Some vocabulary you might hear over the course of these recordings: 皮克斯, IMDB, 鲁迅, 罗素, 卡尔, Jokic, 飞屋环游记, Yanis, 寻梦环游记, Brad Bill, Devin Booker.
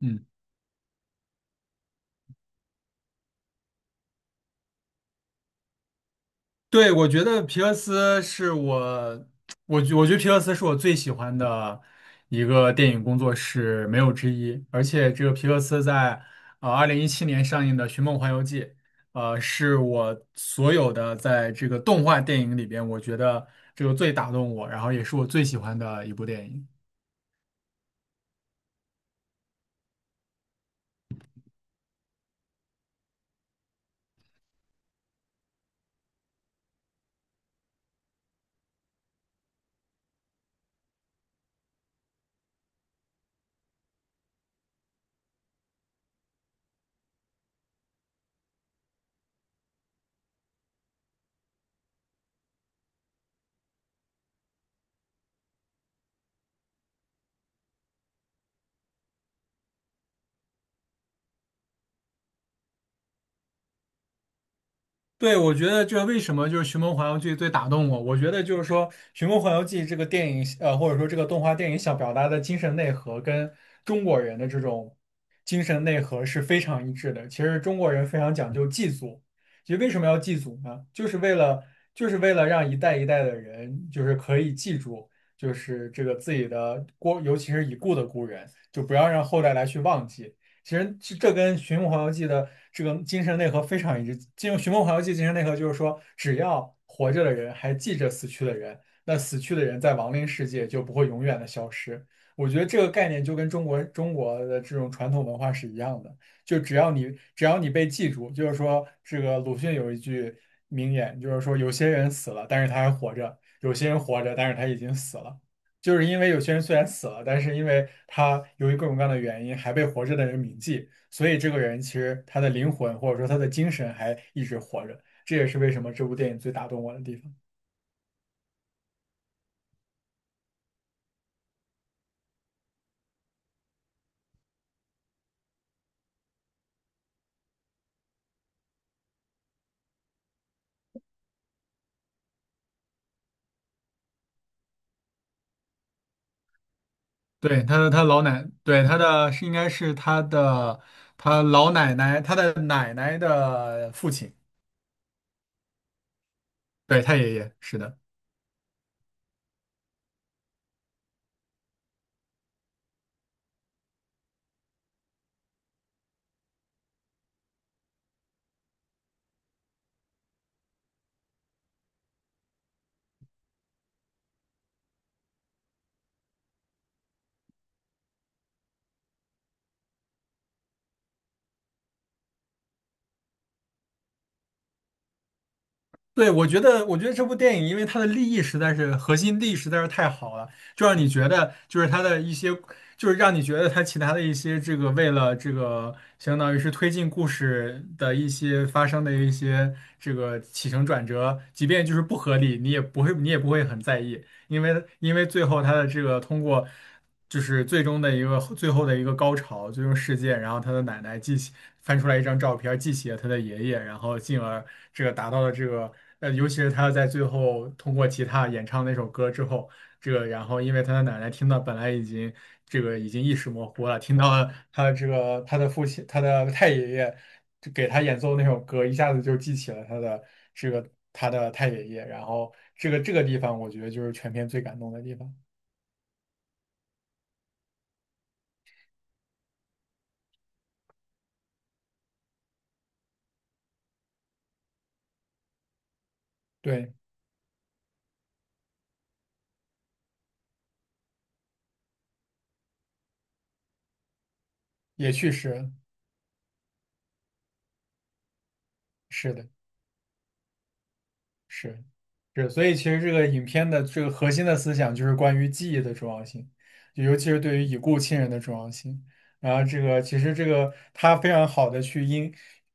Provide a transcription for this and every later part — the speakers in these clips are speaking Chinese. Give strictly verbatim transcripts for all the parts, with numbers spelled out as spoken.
嗯，对，我觉得皮克斯是我，我觉我觉得皮克斯是我最喜欢的一个电影工作室，没有之一。而且这个皮克斯在呃二零一七年上映的《寻梦环游记》，呃，是我所有的在这个动画电影里边，我觉得这个最打动我，然后也是我最喜欢的一部电影。对，我觉得这为什么就是《寻梦环游记》最打动我？我觉得就是说，《寻梦环游记》这个电影，呃，或者说这个动画电影想表达的精神内核，跟中国人的这种精神内核是非常一致的。其实中国人非常讲究祭祖，其实为什么要祭祖呢？就是为了就是为了让一代一代的人，就是可以记住，就是这个自己的过，尤其是已故的故人，就不要让后代来去忘记。其实这这跟《寻梦环游记》的这个精神内核非常一致。进入《寻梦环游记》精神内核就是说，只要活着的人还记着死去的人，那死去的人在亡灵世界就不会永远的消失。我觉得这个概念就跟中国中国的这种传统文化是一样的，就只要你只要你被记住，就是说这个鲁迅有一句名言，就是说有些人死了，但是他还活着；有些人活着，但是他已经死了。就是因为有些人虽然死了，但是因为他由于各种各样的原因还被活着的人铭记，所以这个人其实他的灵魂或者说他的精神还一直活着。这也是为什么这部电影最打动我的地方。对，他的他老奶，对，他的是应该是他的他老奶奶，他的奶奶的父亲，对，他爷爷，是的。对，我觉得，我觉得这部电影，因为它的利益实在是核心利益实在是太好了，就让你觉得，就是它的一些，就是让你觉得它其他的一些这个为了这个，相当于是推进故事的一些发生的一些这个起承转折，即便就是不合理，你也不会，你也不会很在意，因为因为最后它的这个通过。就是最终的一个最后的一个高潮，最终事件，然后他的奶奶记起翻出来一张照片，记起了他的爷爷，然后进而这个达到了这个呃，尤其是他在最后通过吉他演唱那首歌之后，这个然后因为他的奶奶听到本来已经这个已经意识模糊了，听到了他的这个他的父亲他的太爷爷就给他演奏那首歌，一下子就记起了他的这个他的太爷爷，然后这个这个地方我觉得就是全片最感动的地方。对，也去世了。是的。是是，所以其实这个影片的这个核心的思想就是关于记忆的重要性，就尤其是对于已故亲人的重要性。然后这个其实这个他非常好的去因，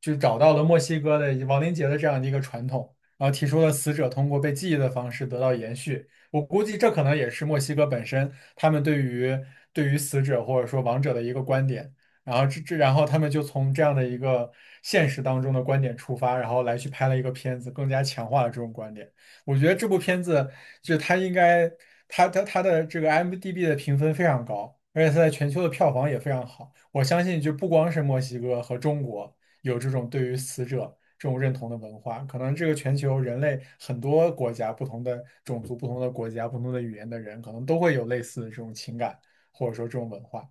就找到了墨西哥的亡灵节的这样的一个传统，然后提出了死者通过被记忆的方式得到延续。我估计这可能也是墨西哥本身他们对于对于死者或者说亡者的一个观点。然后这这，然后他们就从这样的一个现实当中的观点出发，然后来去拍了一个片子，更加强化了这种观点。我觉得这部片子就是它应该，它它它的这个 I M D B 的评分非常高，而且它在全球的票房也非常好。我相信，就不光是墨西哥和中国有这种对于死者这种认同的文化，可能这个全球人类很多国家、不同的种族、不同的国家、不同的语言的人，可能都会有类似的这种情感，或者说这种文化。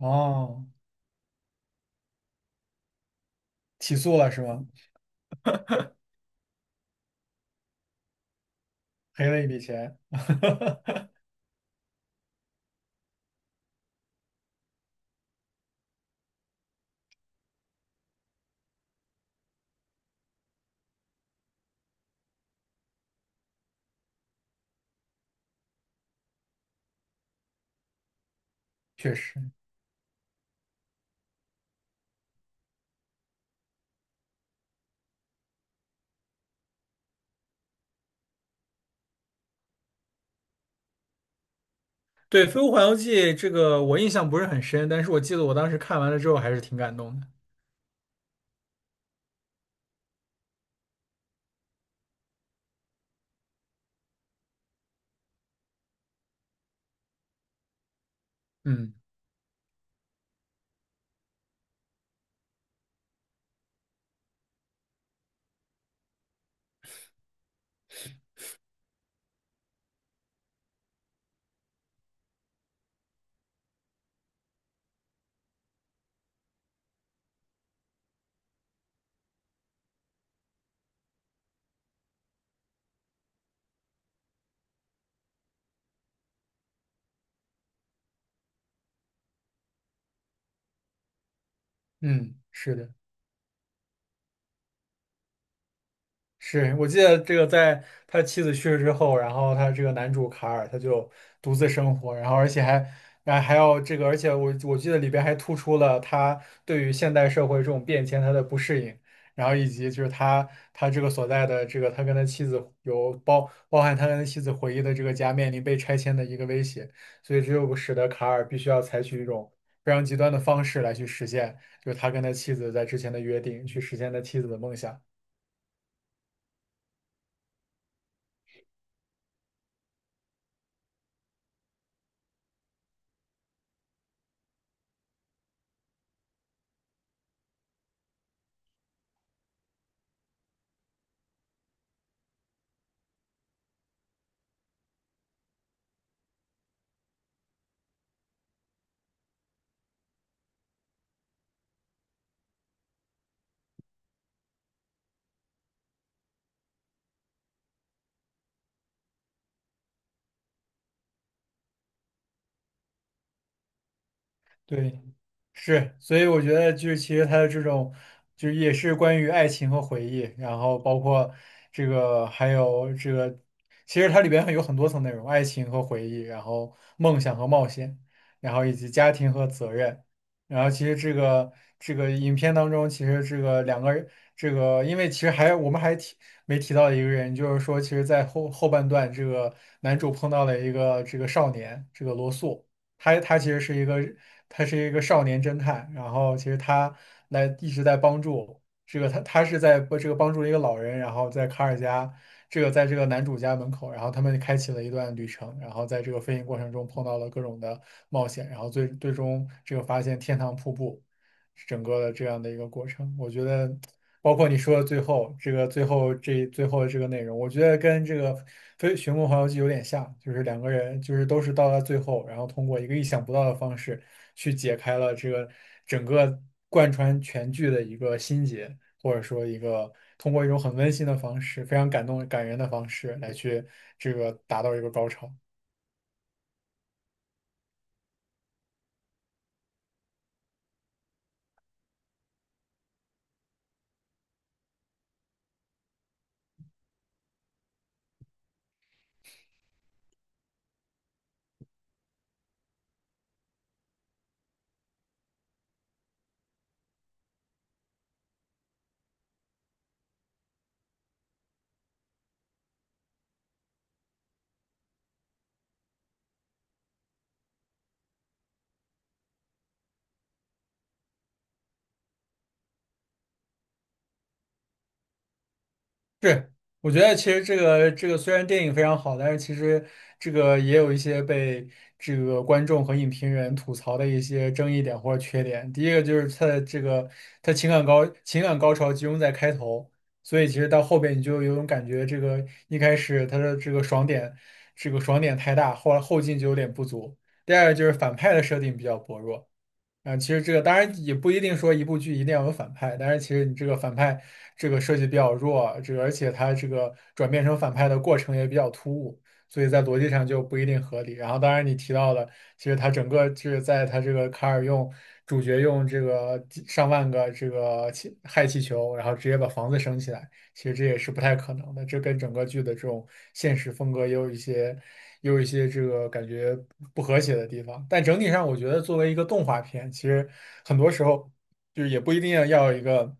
哦。起诉了是吗？赔了一笔钱，确实。对，《飞屋环游记》这个我印象不是很深，但是我记得我当时看完了之后还是挺感动的。嗯。嗯，是的。是，我记得这个，在他妻子去世之后，然后他这个男主卡尔他就独自生活，然后而且还还还要这个，而且我我记得里边还突出了他对于现代社会这种变迁他的不适应，然后以及就是他他这个所在的这个他跟他妻子有包包含他跟他妻子回忆的这个家面临被拆迁的一个威胁，所以这就使得卡尔必须要采取一种非常极端的方式来去实现，就是他跟他妻子在之前的约定，去实现他妻子的梦想。对。是，所以我觉得就是其实他的这种，就是也是关于爱情和回忆，然后包括这个还有这个，其实它里边有很多层内容，爱情和回忆，然后梦想和冒险，然后以及家庭和责任，然后其实这个这个影片当中，其实这个两个人，这个因为其实还我们还提没提到一个人，就是说其实在后后半段，这个男主碰到了一个这个少年，这个罗素。他他其实是一个他是一个少年侦探，然后其实他来一直在帮助这个他他是在不这个帮助一个老人，然后在卡尔加这个在这个男主家门口，然后他们开启了一段旅程，然后在这个飞行过程中碰到了各种的冒险，然后最最终这个发现天堂瀑布整个的这样的一个过程，我觉得包括你说的最后这个最后这最后的这个内容，我觉得跟这个《非寻梦环游记》有点像，就是两个人就是都是到了最后，然后通过一个意想不到的方式去解开了这个整个贯穿全剧的一个心结，或者说一个通过一种很温馨的方式，非常感动感人的方式来去这个达到一个高潮。对，我觉得其实这个这个虽然电影非常好，但是其实这个也有一些被这个观众和影评人吐槽的一些争议点或者缺点。第一个就是它的这个它情感高情感高潮集中在开头，所以其实到后边你就有种感觉，这个一开始它的这个爽点这个爽点太大，后来后劲就有点不足。第二个就是反派的设定比较薄弱。啊，其实这个当然也不一定说一部剧一定要有反派，但是其实你这个反派这个设计比较弱，这个而且他这个转变成反派的过程也比较突兀，所以在逻辑上就不一定合理。然后当然你提到了，其实他整个就是在他这个卡尔用主角用这个几上万个这个气氦气球，然后直接把房子升起来，其实这也是不太可能的，这跟整个剧的这种现实风格也有一些。也有一些这个感觉不和谐的地方。但整体上，我觉得作为一个动画片，其实很多时候就是也不一定要要有一个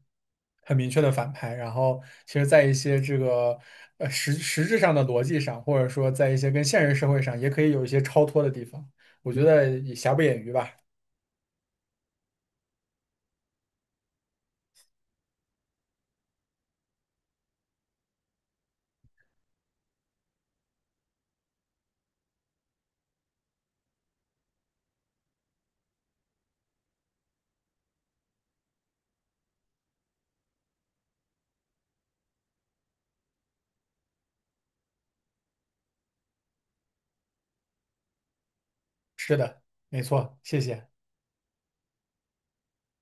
很明确的反派。然后，其实，在一些这个呃实实质上的逻辑上，或者说在一些跟现实社会上，也可以有一些超脱的地方。我觉得也瑕不掩瑜吧。是的，没错，谢谢。